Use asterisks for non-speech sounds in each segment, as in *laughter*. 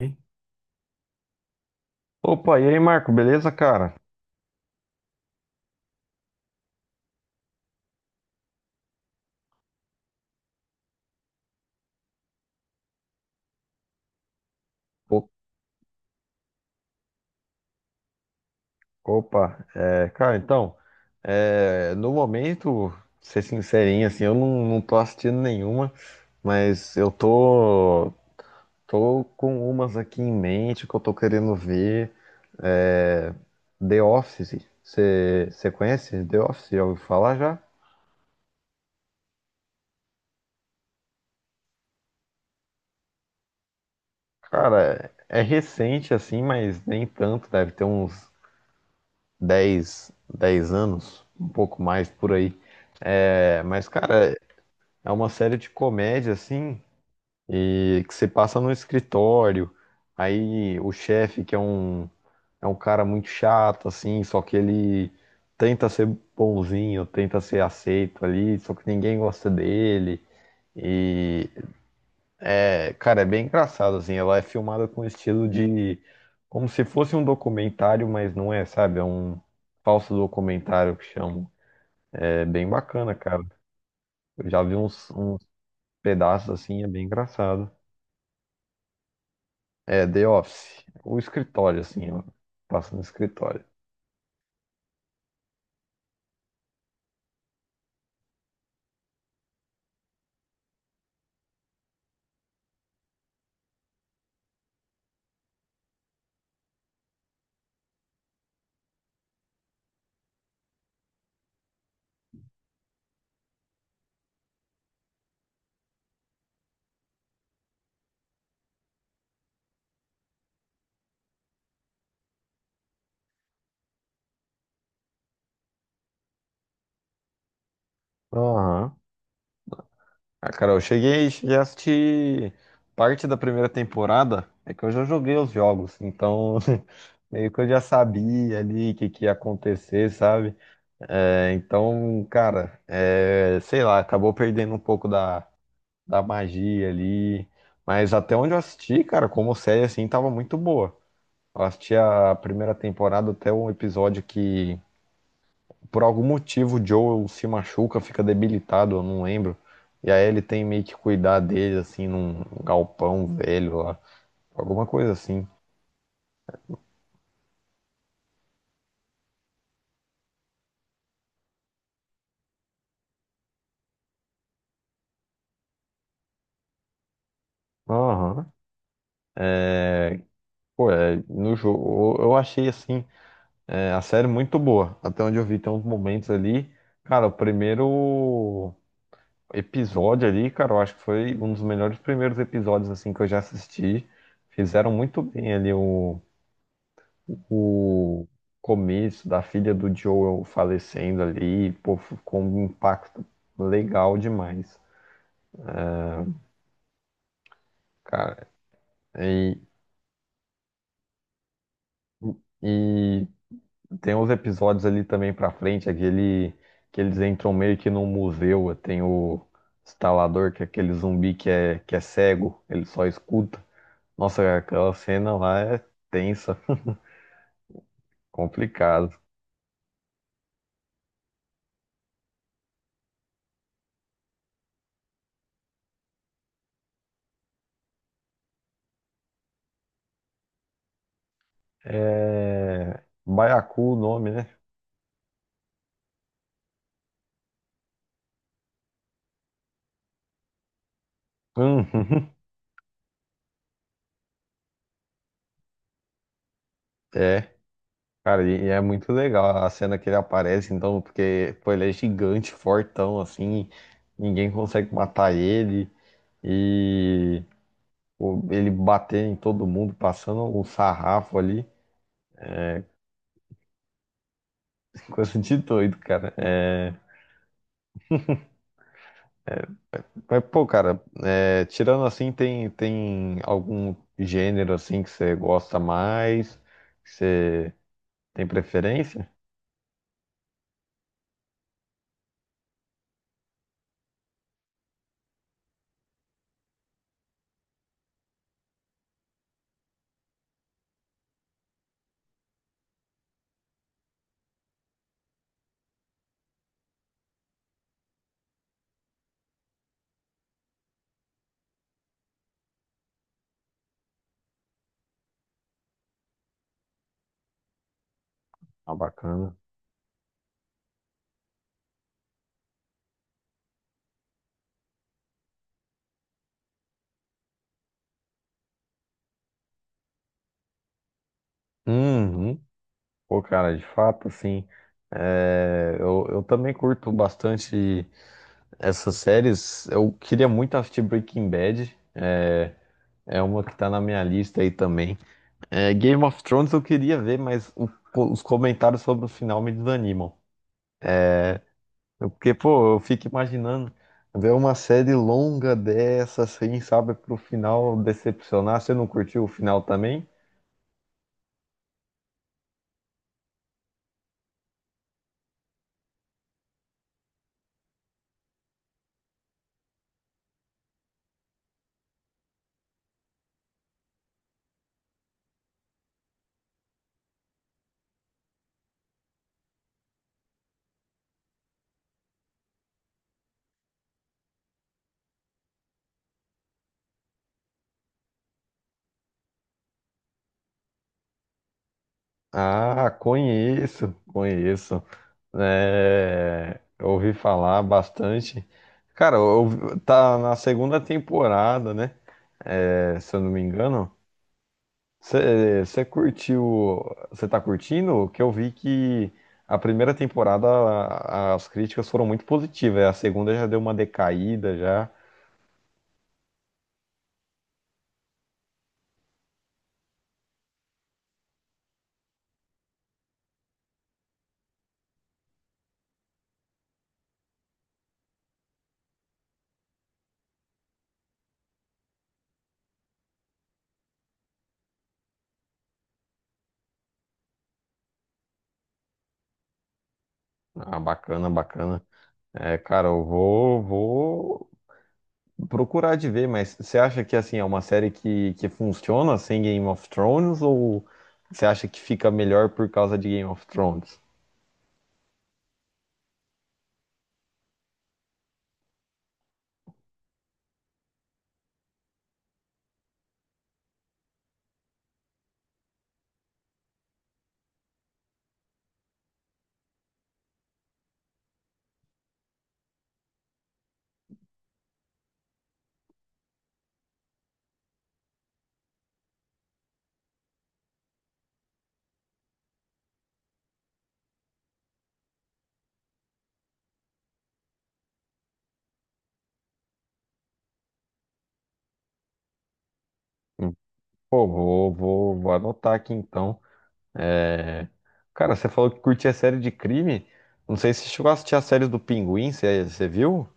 Hein? Opa, e aí, Marco, beleza, cara? O- Cara, então, no momento, pra ser sincerinho, assim, eu não, não tô assistindo nenhuma, mas tô com umas aqui em mente que eu tô querendo ver. É, The Office, você conhece The Office? Já ouviu falar já? Cara, é recente assim, mas nem tanto, deve ter uns dez anos, um pouco mais por aí. É, mas, cara, é uma série de comédia, assim, e que você passa no escritório, aí o chefe, é um cara muito chato, assim, só que ele tenta ser bonzinho, tenta ser aceito ali, só que ninguém gosta dele. E, é, cara, é bem engraçado, assim, ela é filmada com estilo de, como se fosse um documentário, mas não é, sabe? É um falso documentário que chamam. É bem bacana, cara. Eu já vi uns pedaços assim, é bem engraçado. É, The Office. O escritório, assim, ó. Passa no escritório. Aham. Ah, cara, eu cheguei a assistir parte da primeira temporada. É que eu já joguei os jogos, então *laughs* meio que eu já sabia ali que ia acontecer, sabe? É, então, cara, é, sei lá, acabou perdendo um pouco da magia ali. Mas até onde eu assisti, cara, como série assim, tava muito boa. Eu assisti a primeira temporada até um episódio que, por algum motivo, o Joel se machuca, fica debilitado, eu não lembro. E aí ele tem meio que cuidar dele, assim, num galpão velho lá. Alguma coisa assim. Aham. Pô, é, no jogo, eu achei assim, é, a série muito boa. Até onde eu vi, tem uns momentos ali. Cara, o primeiro episódio ali, cara, eu acho que foi um dos melhores primeiros episódios assim que eu já assisti. Fizeram muito bem ali o começo da filha do Joel falecendo ali, pô, ficou um impacto legal demais, cara. E, e tem uns episódios ali também pra frente, aquele que eles entram meio que num museu, tem o instalador, que é aquele zumbi que é cego, ele só escuta. Nossa, aquela cena lá é tensa, complicado. É... Baiacu o nome, né? Hum. *laughs* É. Cara, e é muito legal a cena que ele aparece, então, porque, pô, ele é gigante, fortão, assim, ninguém consegue matar ele, e pô, ele bater em todo mundo, passando um sarrafo ali, *laughs* coisa de doido, cara. É, mas, pô, cara, é, tirando assim, tem algum gênero, assim, que você gosta mais, que você tem preferência? Ah, bacana. Uhum. Pô, cara, de fato, assim, é, eu também curto bastante essas séries. Eu queria muito assistir Breaking Bad, é, é uma que tá na minha lista aí também. É, Game of Thrones eu queria ver, mas os comentários sobre o final me desanimam. Porque, pô, eu fico imaginando ver uma série longa dessa, assim, sabe, pro final decepcionar. Você não curtiu o final também? Ah, conheço, conheço. É, ouvi falar bastante. Cara, tá na segunda temporada, né? É, se eu não me engano. Você curtiu? Você tá curtindo? Que eu vi que a primeira temporada as críticas foram muito positivas. A segunda já deu uma decaída já. Ah, bacana, bacana. É, cara, eu vou procurar de ver, mas você acha que assim é uma série que funciona sem Game of Thrones ou você acha que fica melhor por causa de Game of Thrones? Hum. Pô, vou anotar aqui então. É, cara, você falou que curtia série de crime. Não sei se você chegou a assistir as séries do Pinguim, você, você viu?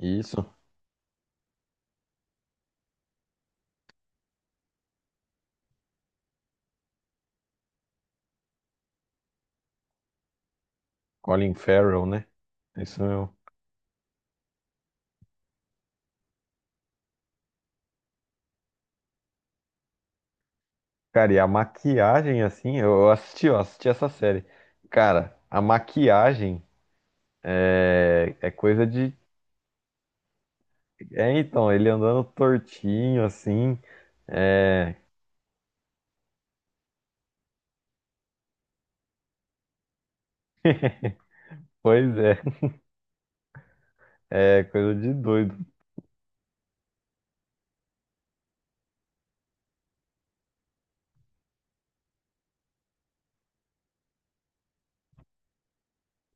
Isso, Colin Farrell, né? Isso mesmo. Cara, e a maquiagem, assim, eu assisti, eu assisti essa série. Cara, a maquiagem é coisa de... É, então, ele andando tortinho, assim. É, pois é, é coisa de doido.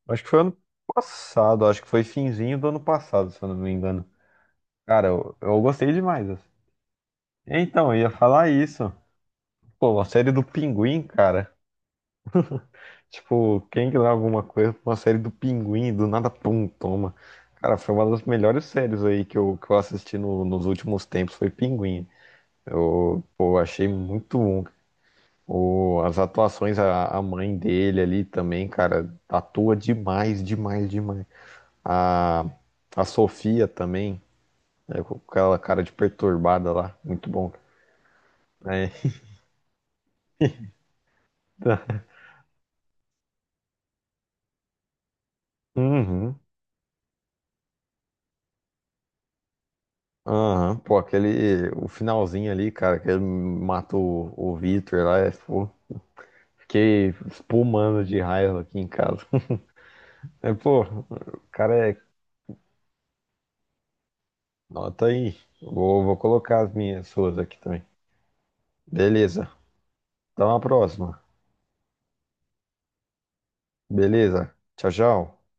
Acho que foi ano passado, acho que foi finzinho do ano passado, se eu não me engano. Cara, eu gostei demais assim. Então, eu ia falar isso. Pô, a série do Pinguim, cara. Tipo, quem que dá alguma coisa pra uma série do Pinguim, do nada, pum, toma. Cara, foi uma das melhores séries aí que que eu assisti nos últimos tempos, foi Pinguim. Eu, pô, achei muito... O, as atuações, a mãe dele ali também, cara, atua demais, demais, demais. A, a Sofia também, né, com aquela cara de perturbada lá, muito bom. É. *laughs* Uhum. Aham, pô, aquele, o finalzinho ali, cara, que ele mata o Victor lá, é, pô, fiquei espumando de raiva aqui em casa. *laughs* É, pô, o cara é... Nota aí, vou colocar as minhas suas aqui também. Beleza, então a próxima. Beleza? Tchau, tchau.